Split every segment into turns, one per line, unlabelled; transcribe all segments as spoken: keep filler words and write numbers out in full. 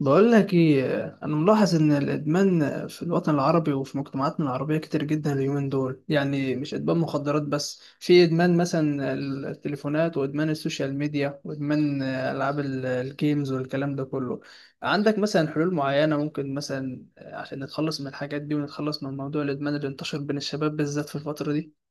بقول لك ايه؟ انا ملاحظ ان الادمان في الوطن العربي وفي مجتمعاتنا العربيه كتير جدا اليومين دول، يعني مش ادمان مخدرات بس، في ادمان مثلا التليفونات، وادمان السوشيال ميديا، وادمان العاب ال- الجيمز والكلام ده كله. عندك مثلا حلول معينه ممكن مثلا عشان نتخلص من الحاجات دي ونتخلص من موضوع الادمان اللي انتشر بين الشباب بالذات في الفتره دي؟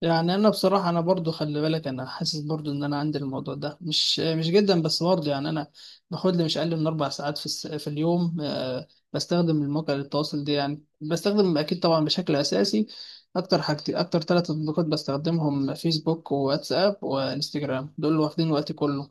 يعني انا بصراحه، انا برضو خلي بالك، انا حاسس برضو ان انا عندي الموضوع ده مش مش جدا، بس برضو يعني انا باخد لي مش اقل من اربع ساعات في الس... في اليوم. آه، بستخدم المواقع للتواصل دي، يعني بستخدم اكيد طبعا بشكل اساسي. اكتر حاجتي اكتر ثلاث تطبيقات بستخدمهم، فيسبوك وواتساب وانستجرام، دول اللي واخدين وقتي كله.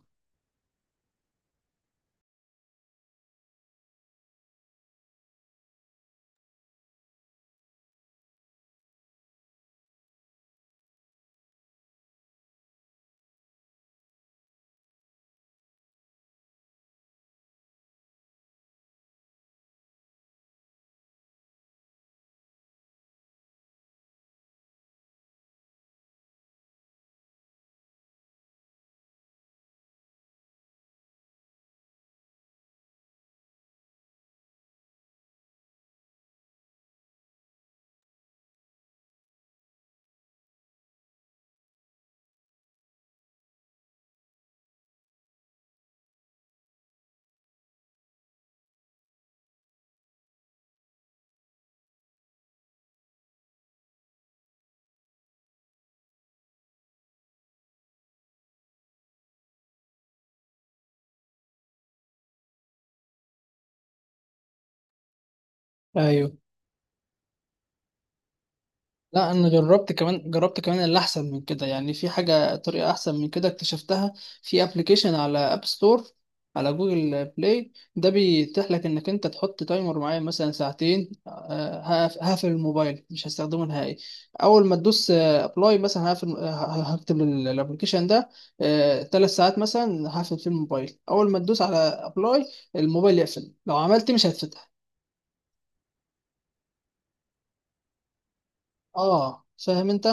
ايوه. لا، انا جربت كمان، جربت كمان اللي احسن من كده، يعني في حاجه، طريقه احسن من كده اكتشفتها. في ابلكيشن على اب ستور، على جوجل بلاي، ده بيتيح لك انك انت تحط تايمر معين، مثلا ساعتين. آه، هقف- هقفل الموبايل، مش هستخدمه نهائي. اول ما تدوس ابلاي، مثلا هقفل. آه، ه- هكتب الابلكيشن ده ثلاث ساعات، مثلا هقفل فيه الموبايل. اول ما تدوس على ابلاي، الموبايل يقفل. لو عملت مش هتفتح. اه، فاهم انت؟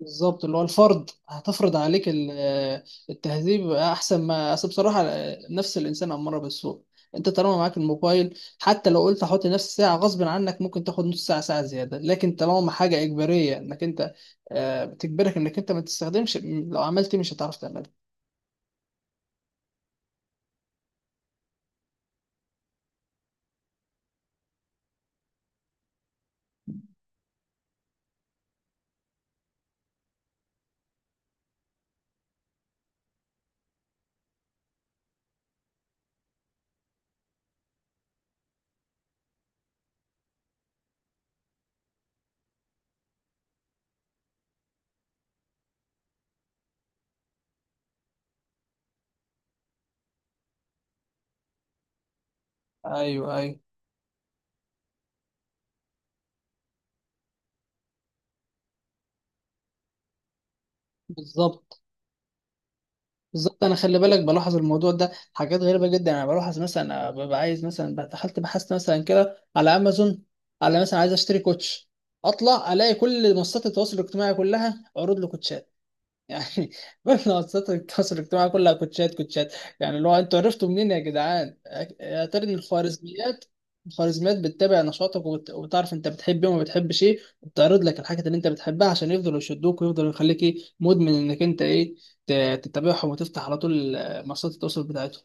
بالظبط، اللي هو الفرض هتفرض عليك ال- آه، التهذيب احسن. ما اصل بصراحه، آه، نفس الانسان اماره بالسوء. انت طالما معاك الموبايل، حتى لو قلت هحط نفس ساعه، غصب عنك ممكن تاخد نص ساعه ساعه زياده، لكن طالما حاجه اجباريه انك انت آه، بتجبرك انك انت ما تستخدمش، لو عملت إيه مش هتعرف تعملها. ايوه، ايوه. بالظبط، بالظبط. انا خلي بالك بلاحظ الموضوع ده، حاجات غريبه جدا. انا بلاحظ مثلا أنا ببقى عايز، مثلا دخلت بحثت مثلا كده على امازون، على مثلا عايز اشتري كوتش، اطلع الاقي كل منصات التواصل الاجتماعي كلها عروض لكوتشات، يعني منصات التواصل الاجتماعي كلها كوتشات، كوتشات. يعني اللي هو، انتوا عرفتوا منين يا جدعان؟ يا ترى ان الخوارزميات الخوارزميات بتتابع نشاطك، وبت- وبتعرف انت بتحب ايه وما بتحبش ايه، وبتعرض لك الحاجات اللي انت بتحبها عشان يفضلوا يشدوك ويفضلوا يخليك ايه، مدمن، انك انت ايه ت- تتابعهم وتفتح على طول منصات التواصل بتاعتهم.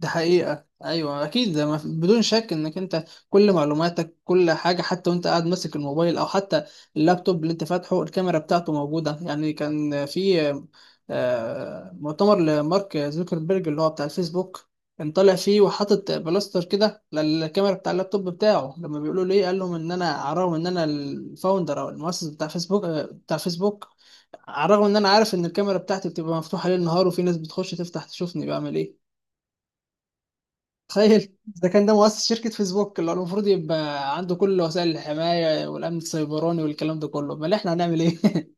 ده حقيقة، أيوة أكيد. ده ما في- بدون شك إنك أنت كل معلوماتك، كل حاجة، حتى وأنت قاعد ماسك الموبايل أو حتى اللابتوب اللي أنت فاتحه، الكاميرا بتاعته موجودة. يعني كان في آه، مؤتمر لمارك زوكربيرج اللي هو بتاع الفيسبوك، كان طالع فيه وحاطط بلاستر كده للكاميرا بتاع اللابتوب بتاعه. لما بيقولوا ليه، قال لهم إن أنا على الرغم إن أنا الفاوندر أو المؤسس بتاع فيسبوك آه، بتاع فيسبوك على الرغم إن أنا عارف إن الكاميرا بتاعتي بتبقى مفتوحة ليل نهار، وفي ناس بتخش تفتح تشوفني بعمل إيه. تخيل، ده كان ده مؤسس شركة فيسبوك اللي هو المفروض يبقى عنده كل وسائل الحماية والأمن السيبراني والكلام ده كله، أمال إحنا هنعمل إيه؟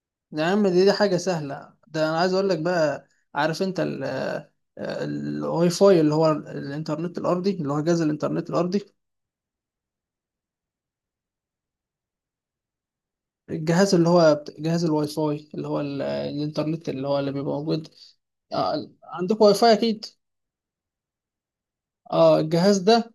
يا عم، دي, دي حاجة سهلة. ده أنا عايز أقول لك بقى، عارف أنت ال- ال- الواي فاي، اللي هو الإنترنت الأرضي، اللي هو جهاز الإنترنت الأرضي، الجهاز اللي هو بت- جهاز الواي فاي، اللي هو ال- الإنترنت اللي هو اللي بيبقى موجود؟ آه، عندكم واي فاي أكيد. اه، الجهاز ده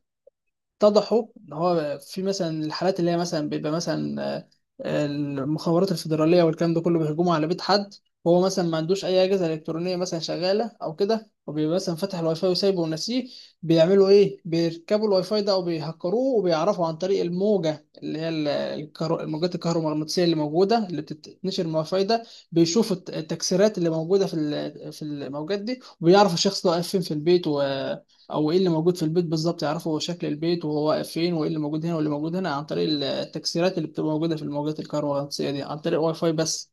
اتضحوا ان هو في مثلا الحالات اللي هي مثلا بيبقى مثلا، آه، آه، المخابرات الفيدراليه والكلام ده كله بيهجموا على بيت حد، وهو مثلا ما عندوش اي اجهزه الكترونيه مثلا شغاله او كده، وبيبقى مثلا فاتح الواي فاي وسايبه وناسيه. بيعملوا ايه؟ بيركبوا الواي فاي ده او بيهكروه، وبيعرفوا عن طريق الموجه اللي هي ال- الكهرو- الموجات الكهرومغناطيسيه اللي موجوده، اللي بتتنشر من الواي فاي ده. بيشوفوا الت- التكسيرات اللي موجوده في ال- في الموجات دي، وبيعرفوا الشخص ده واقف فين في البيت، و او ايه اللي موجود في البيت بالظبط. يعرفوا هو شكل البيت وهو واقف فين وايه اللي موجود هنا واللي موجود هنا، عن طريق التكسيرات اللي بتبقى موجوده في الموجات الكهرومغناطيسيه دي، عن طريق واي فاي بس.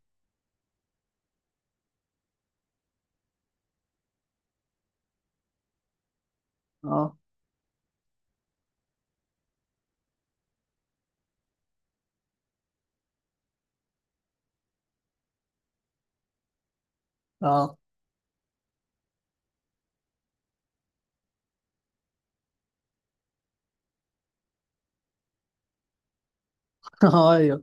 اه. اه. ايوه،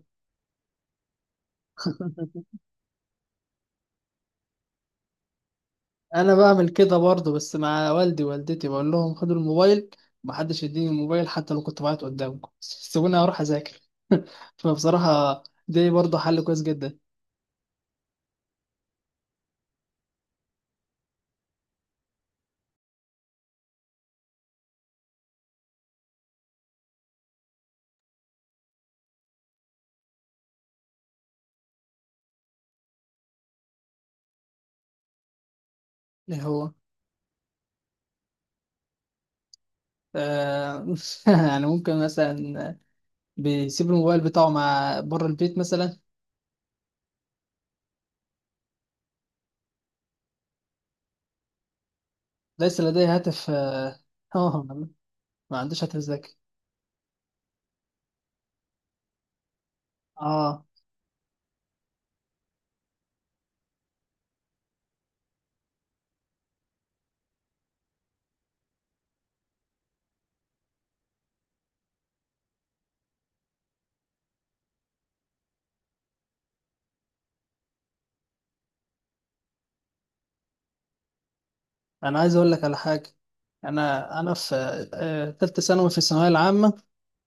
انا بعمل كده برضه، بس مع والدي ووالدتي بقول لهم خدوا الموبايل، محدش يديني الموبايل حتى لو كنت بعيط قدامكم. سيبوني اروح اذاكر. فبصراحه دي برضه حل كويس جدا. ايه هو؟ آه. يعني ممكن مثلا بيسيب الموبايل بتاعه مع بره البيت مثلا؟ ليس لدي هاتف، آه، ما عنديش هاتف ذكي. اه، انا عايز اقول لك على حاجه. انا انا في آه، تالتة ثانوي، في الثانويه العامه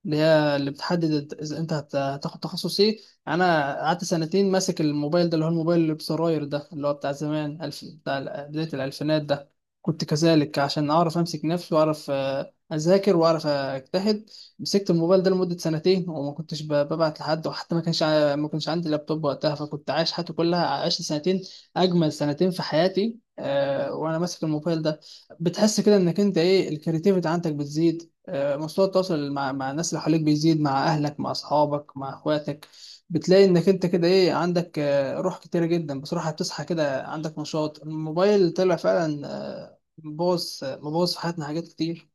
اللي هي اللي بتحدد إنت- اذا انت هت- هتاخد تخصص ايه. انا قعدت سنتين ماسك الموبايل ده، اللي هو الموبايل اللي بزراير ده، اللي هو بتاع زمان، الف... بتاع ال- بدايه الالفينات ده، كنت كذلك عشان اعرف امسك نفسي واعرف، آه، اذاكر واعرف اجتهد. مسكت الموبايل ده لمده سنتين وما كنتش ب- ببعت لحد، وحتى ما كانش ع- ما كانش عندي لابتوب وقتها، فكنت عايش حياتي كلها. عشت سنتين، اجمل سنتين في حياتي، آه، وانا ماسك الموبايل ده. بتحس كده انك انت ايه، الكرياتيفيتي عندك بتزيد، آه، مستوى التواصل مع مع الناس اللي حواليك بيزيد، مع اهلك مع اصحابك مع اخواتك. بتلاقي انك انت كده ايه، عندك، آه، روح كتيرة جدا بصراحة، بتصحى كده عندك نشاط. الموبايل طلع فعلا آه، مبوظ، مبوظ في حياتنا حاجات كتير.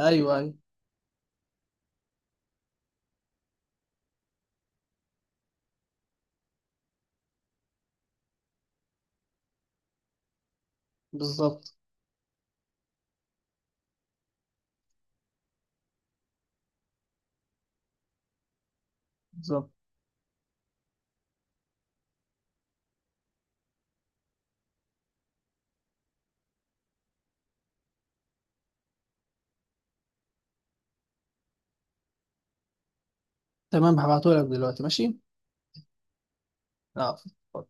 ايوه، ايوه. بالظبط، بالظبط. تمام، هبعتهولك دلوقتي، ماشي. اه.